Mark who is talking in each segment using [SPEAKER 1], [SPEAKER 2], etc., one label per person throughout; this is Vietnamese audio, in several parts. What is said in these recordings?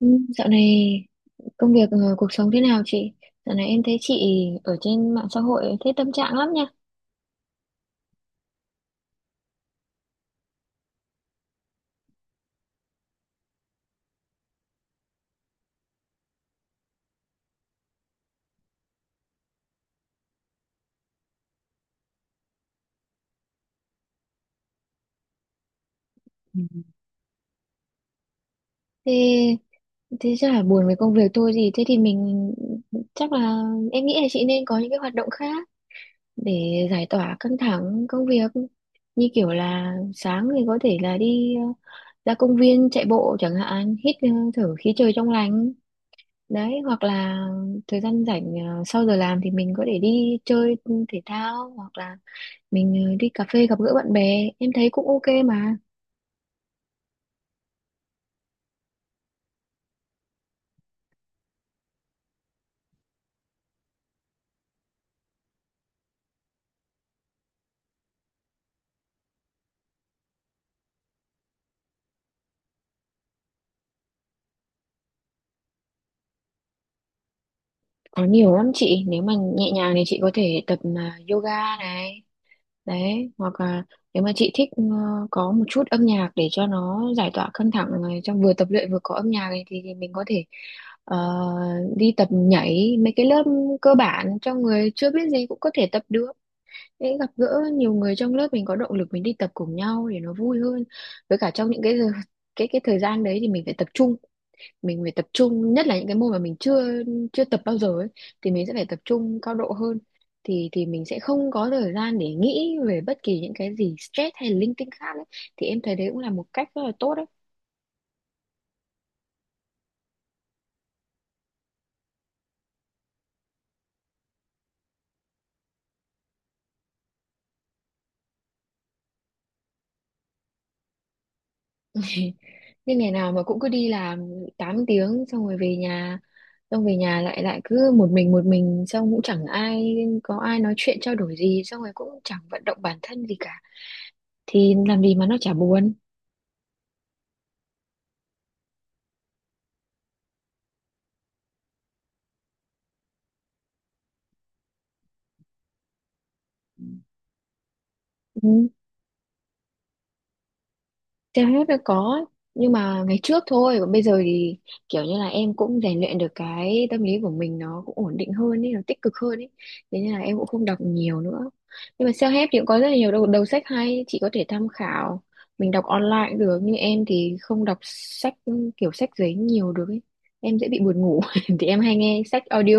[SPEAKER 1] Ừ, dạo này công việc cuộc sống thế nào chị? Dạo này em thấy chị ở trên mạng xã hội thấy tâm trạng lắm nha. Ừ. Thế thế chắc là buồn về công việc thôi gì thế thì mình chắc là em nghĩ là chị nên có những cái hoạt động khác để giải tỏa căng thẳng công việc. Như kiểu là sáng thì có thể là đi ra công viên chạy bộ chẳng hạn, hít thở khí trời trong lành. Đấy, hoặc là thời gian rảnh sau giờ làm thì mình có thể đi chơi thể thao hoặc là mình đi cà phê gặp gỡ bạn bè, em thấy cũng ok mà. Có nhiều lắm chị, nếu mà nhẹ nhàng thì chị có thể tập mà yoga này, đấy hoặc là nếu mà chị thích có một chút âm nhạc để cho nó giải tỏa căng thẳng này, trong vừa tập luyện vừa có âm nhạc này, thì mình có thể ờ, đi tập nhảy mấy cái lớp cơ bản cho người chưa biết gì cũng có thể tập được. Để gặp gỡ nhiều người trong lớp mình có động lực mình đi tập cùng nhau để nó vui hơn. Với cả trong những cái cái thời gian đấy thì mình phải tập trung, mình phải tập trung, nhất là những cái môn mà mình chưa chưa tập bao giờ ấy thì mình sẽ phải tập trung cao độ hơn, thì mình sẽ không có thời gian để nghĩ về bất kỳ những cái gì stress hay linh tinh khác ấy, thì em thấy đấy cũng là một cách rất là tốt đấy. Nhưng ngày nào mà cũng cứ đi làm 8 tiếng xong rồi về nhà, xong về nhà lại lại cứ một mình xong cũng chẳng ai có ai nói chuyện trao đổi gì, xong rồi cũng chẳng vận động bản thân gì cả thì làm gì mà nó chả buồn. Ừ. Theo hết là có nhưng mà ngày trước thôi, còn bây giờ thì kiểu như là em cũng rèn luyện được cái tâm lý của mình, nó cũng ổn định hơn ấy, nó tích cực hơn ấy, thế nên là em cũng không đọc nhiều nữa. Nhưng mà self-help thì cũng có rất là nhiều đầu sách hay chị có thể tham khảo, mình đọc online cũng được. Nhưng em thì không đọc sách kiểu sách giấy nhiều được ấy, em dễ bị buồn ngủ. Thì em hay nghe sách audio.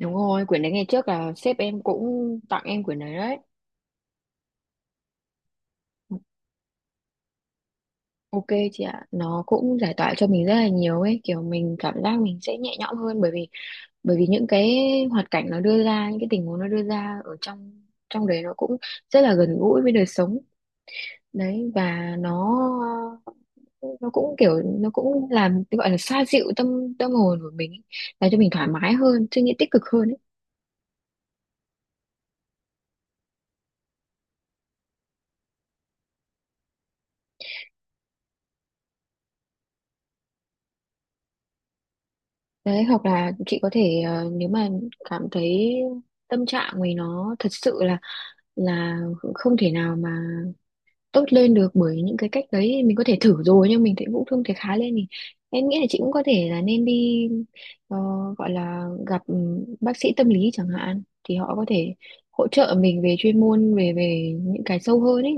[SPEAKER 1] Đúng rồi, quyển đấy ngày trước là sếp em cũng tặng em quyển đấy đấy. Ok chị ạ, nó cũng giải tỏa cho mình rất là nhiều ấy, kiểu mình cảm giác mình sẽ nhẹ nhõm hơn, bởi vì những cái hoạt cảnh nó đưa ra, những cái tình huống nó đưa ra ở trong trong đấy nó cũng rất là gần gũi với đời sống đấy, và nó cũng kiểu nó cũng làm gọi là xoa dịu tâm tâm hồn của mình ấy, làm cho mình thoải mái hơn, suy nghĩ tích cực hơn ấy. Đấy hoặc là chị có thể nếu mà cảm thấy tâm trạng mình nó thật sự là không thể nào mà tốt lên được, bởi những cái cách đấy mình có thể thử rồi nhưng mình thấy cũng không thể khá lên, thì em nghĩ là chị cũng có thể là nên đi ờ, gọi là gặp, ừ, bác sĩ tâm lý chẳng hạn, thì họ có thể hỗ trợ mình về chuyên môn, về về những cái sâu hơn ấy.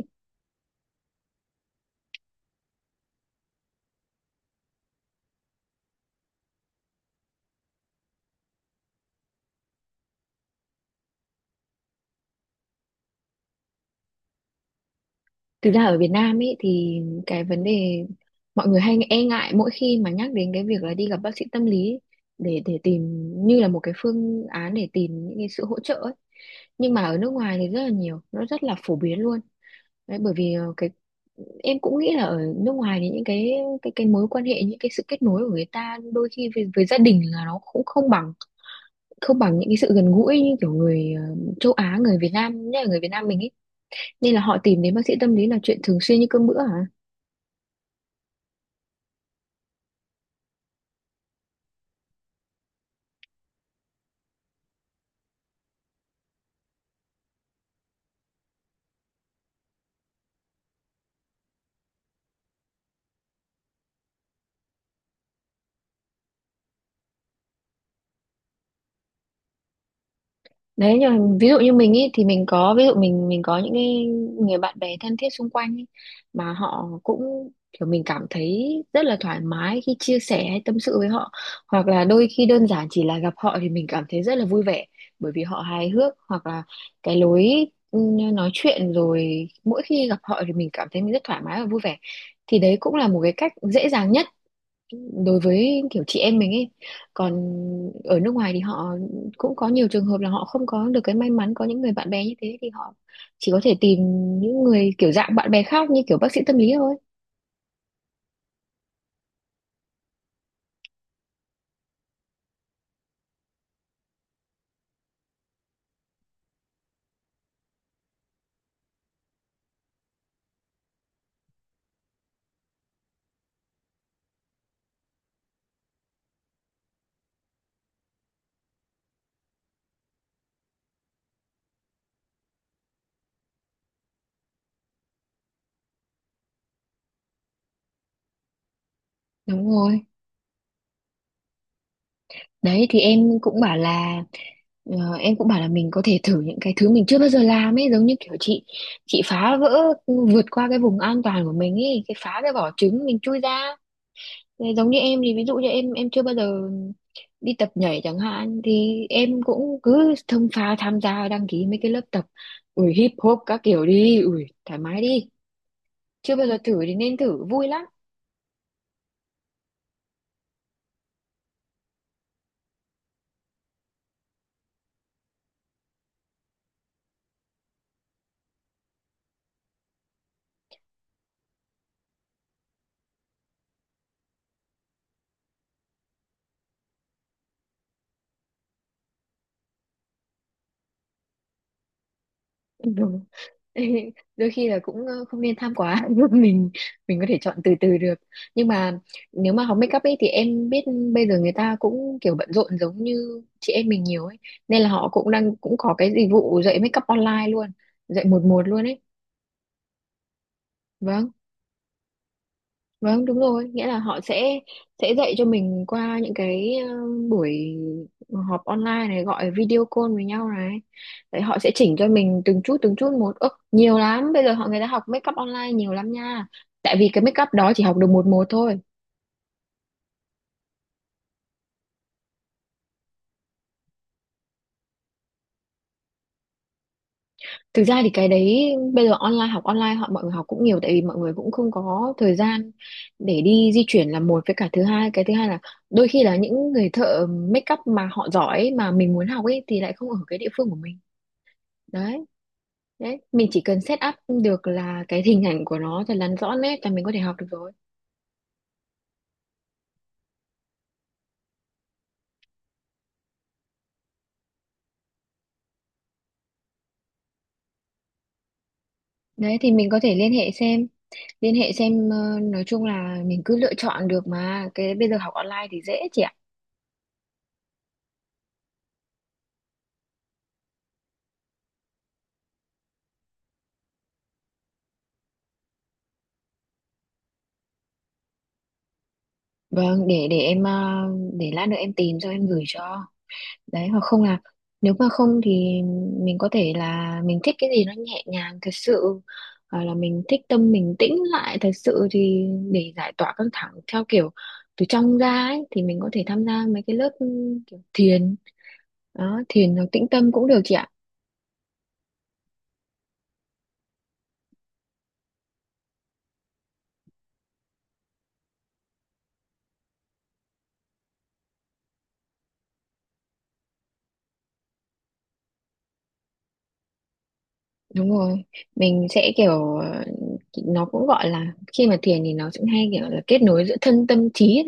[SPEAKER 1] Thực ra ở Việt Nam ấy thì cái vấn đề mọi người hay e ngại mỗi khi mà nhắc đến cái việc là đi gặp bác sĩ tâm lý, để tìm như là một cái phương án để tìm những cái sự hỗ trợ ấy. Nhưng mà ở nước ngoài thì rất là nhiều, nó rất là phổ biến luôn. Đấy, bởi vì cái em cũng nghĩ là ở nước ngoài thì những cái mối quan hệ, những cái sự kết nối của người ta đôi khi với gia đình là nó cũng không bằng những cái sự gần gũi như kiểu người châu Á, người Việt Nam, nhất là người Việt Nam mình ấy, nên là họ tìm đến bác sĩ tâm lý là chuyện thường xuyên như cơm bữa hả. Đấy nhưng mà ví dụ như mình ý, thì mình có ví dụ mình có những cái người bạn bè thân thiết xung quanh ý, mà họ cũng kiểu mình cảm thấy rất là thoải mái khi chia sẻ hay tâm sự với họ, hoặc là đôi khi đơn giản chỉ là gặp họ thì mình cảm thấy rất là vui vẻ bởi vì họ hài hước, hoặc là cái lối ừ, nói chuyện, rồi mỗi khi gặp họ thì mình cảm thấy mình rất thoải mái và vui vẻ, thì đấy cũng là một cái cách dễ dàng nhất đối với kiểu chị em mình ấy. Còn ở nước ngoài thì họ cũng có nhiều trường hợp là họ không có được cái may mắn có những người bạn bè như thế, thì họ chỉ có thể tìm những người kiểu dạng bạn bè khác như kiểu bác sĩ tâm lý thôi. Đúng rồi, đấy thì em cũng bảo là em cũng bảo là mình có thể thử những cái thứ mình chưa bao giờ làm ấy, giống như kiểu chị phá vỡ, vượt qua cái vùng an toàn của mình ấy, cái phá cái vỏ trứng mình chui ra. Thế giống như em thì ví dụ như em chưa bao giờ đi tập nhảy chẳng hạn, thì em cũng cứ thông pha tham gia đăng ký mấy cái lớp tập, ui hip hop các kiểu đi, ui thoải mái đi, chưa bao giờ thử thì nên thử, vui lắm. Ừ. Đôi khi là cũng không nên tham quá. mình mình có thể chọn từ từ được. Nhưng mà nếu mà học make up ấy thì em biết bây giờ người ta cũng kiểu bận rộn giống như chị em mình nhiều ấy, nên là họ cũng đang cũng có cái dịch vụ dạy make up online luôn, dạy một một luôn ấy. Vâng. Vâng, đúng rồi, nghĩa là họ sẽ dạy cho mình qua những cái buổi họp online này, gọi video call với nhau này. Đấy họ sẽ chỉnh cho mình từng chút một. Ơ, nhiều lắm, bây giờ họ người ta học make up online nhiều lắm nha. Tại vì cái make up đó chỉ học được một một thôi. Thực ra thì cái đấy bây giờ online, học online họ mọi người học cũng nhiều, tại vì mọi người cũng không có thời gian để đi di chuyển là một, với cả thứ hai, cái thứ hai là đôi khi là những người thợ make up mà họ giỏi mà mình muốn học ấy thì lại không ở cái địa phương của mình. Đấy. Đấy, mình chỉ cần set up được là cái hình ảnh của nó thật là rõ nét là mình có thể học được rồi. Đấy thì mình có thể liên hệ xem nói chung là mình cứ lựa chọn được mà, cái bây giờ học online thì dễ chị ạ. Vâng, để em, để lát nữa em tìm cho em gửi cho. Đấy hoặc không là nếu mà không thì mình có thể là mình thích cái gì nó nhẹ nhàng thật sự, hoặc là mình thích tâm mình tĩnh lại thật sự thì để giải tỏa căng thẳng theo kiểu từ trong ra ấy, thì mình có thể tham gia mấy cái lớp kiểu thiền đó, thiền hoặc tĩnh tâm cũng được chị ạ. Đúng rồi, mình sẽ kiểu nó cũng gọi là khi mà thiền thì nó cũng hay kiểu là kết nối giữa thân tâm trí,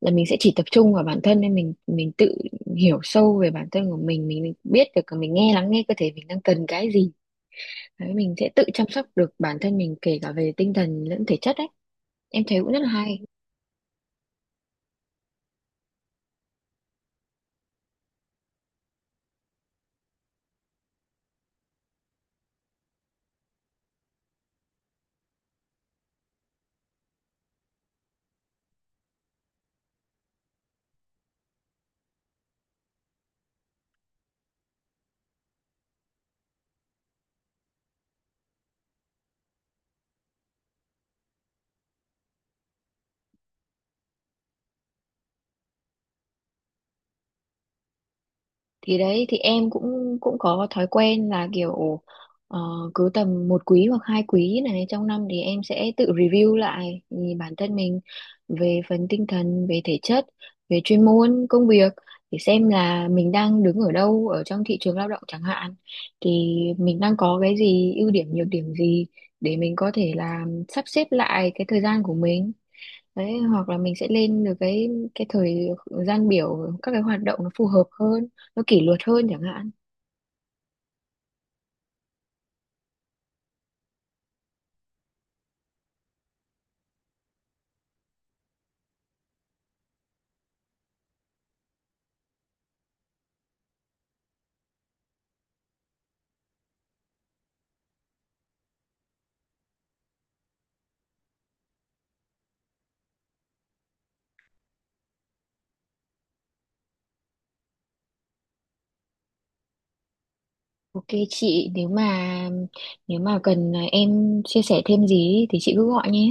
[SPEAKER 1] là mình sẽ chỉ tập trung vào bản thân, nên mình tự hiểu sâu về bản thân của mình biết được mình lắng nghe cơ thể mình đang cần cái gì. Đấy, mình sẽ tự chăm sóc được bản thân mình kể cả về tinh thần lẫn thể chất đấy, em thấy cũng rất là hay. Thì đấy thì em cũng cũng có thói quen là kiểu ờ, cứ tầm một quý hoặc hai quý này trong năm thì em sẽ tự review lại thì bản thân mình về phần tinh thần, về thể chất, về chuyên môn công việc, để xem là mình đang đứng ở đâu ở trong thị trường lao động chẳng hạn, thì mình đang có cái gì, ưu điểm nhược điểm gì, để mình có thể là sắp xếp lại cái thời gian của mình. Đấy, hoặc là mình sẽ lên được cái thời gian biểu, các cái hoạt động nó phù hợp hơn, nó kỷ luật hơn chẳng hạn. Ok chị, nếu mà cần à, em chia sẻ thêm gì thì chị cứ gọi nhé.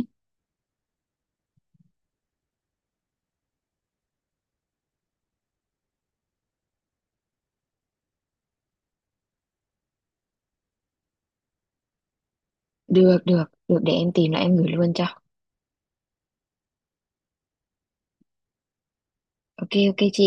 [SPEAKER 1] Được được được, để em tìm lại em gửi luôn cho. Ok ok chị.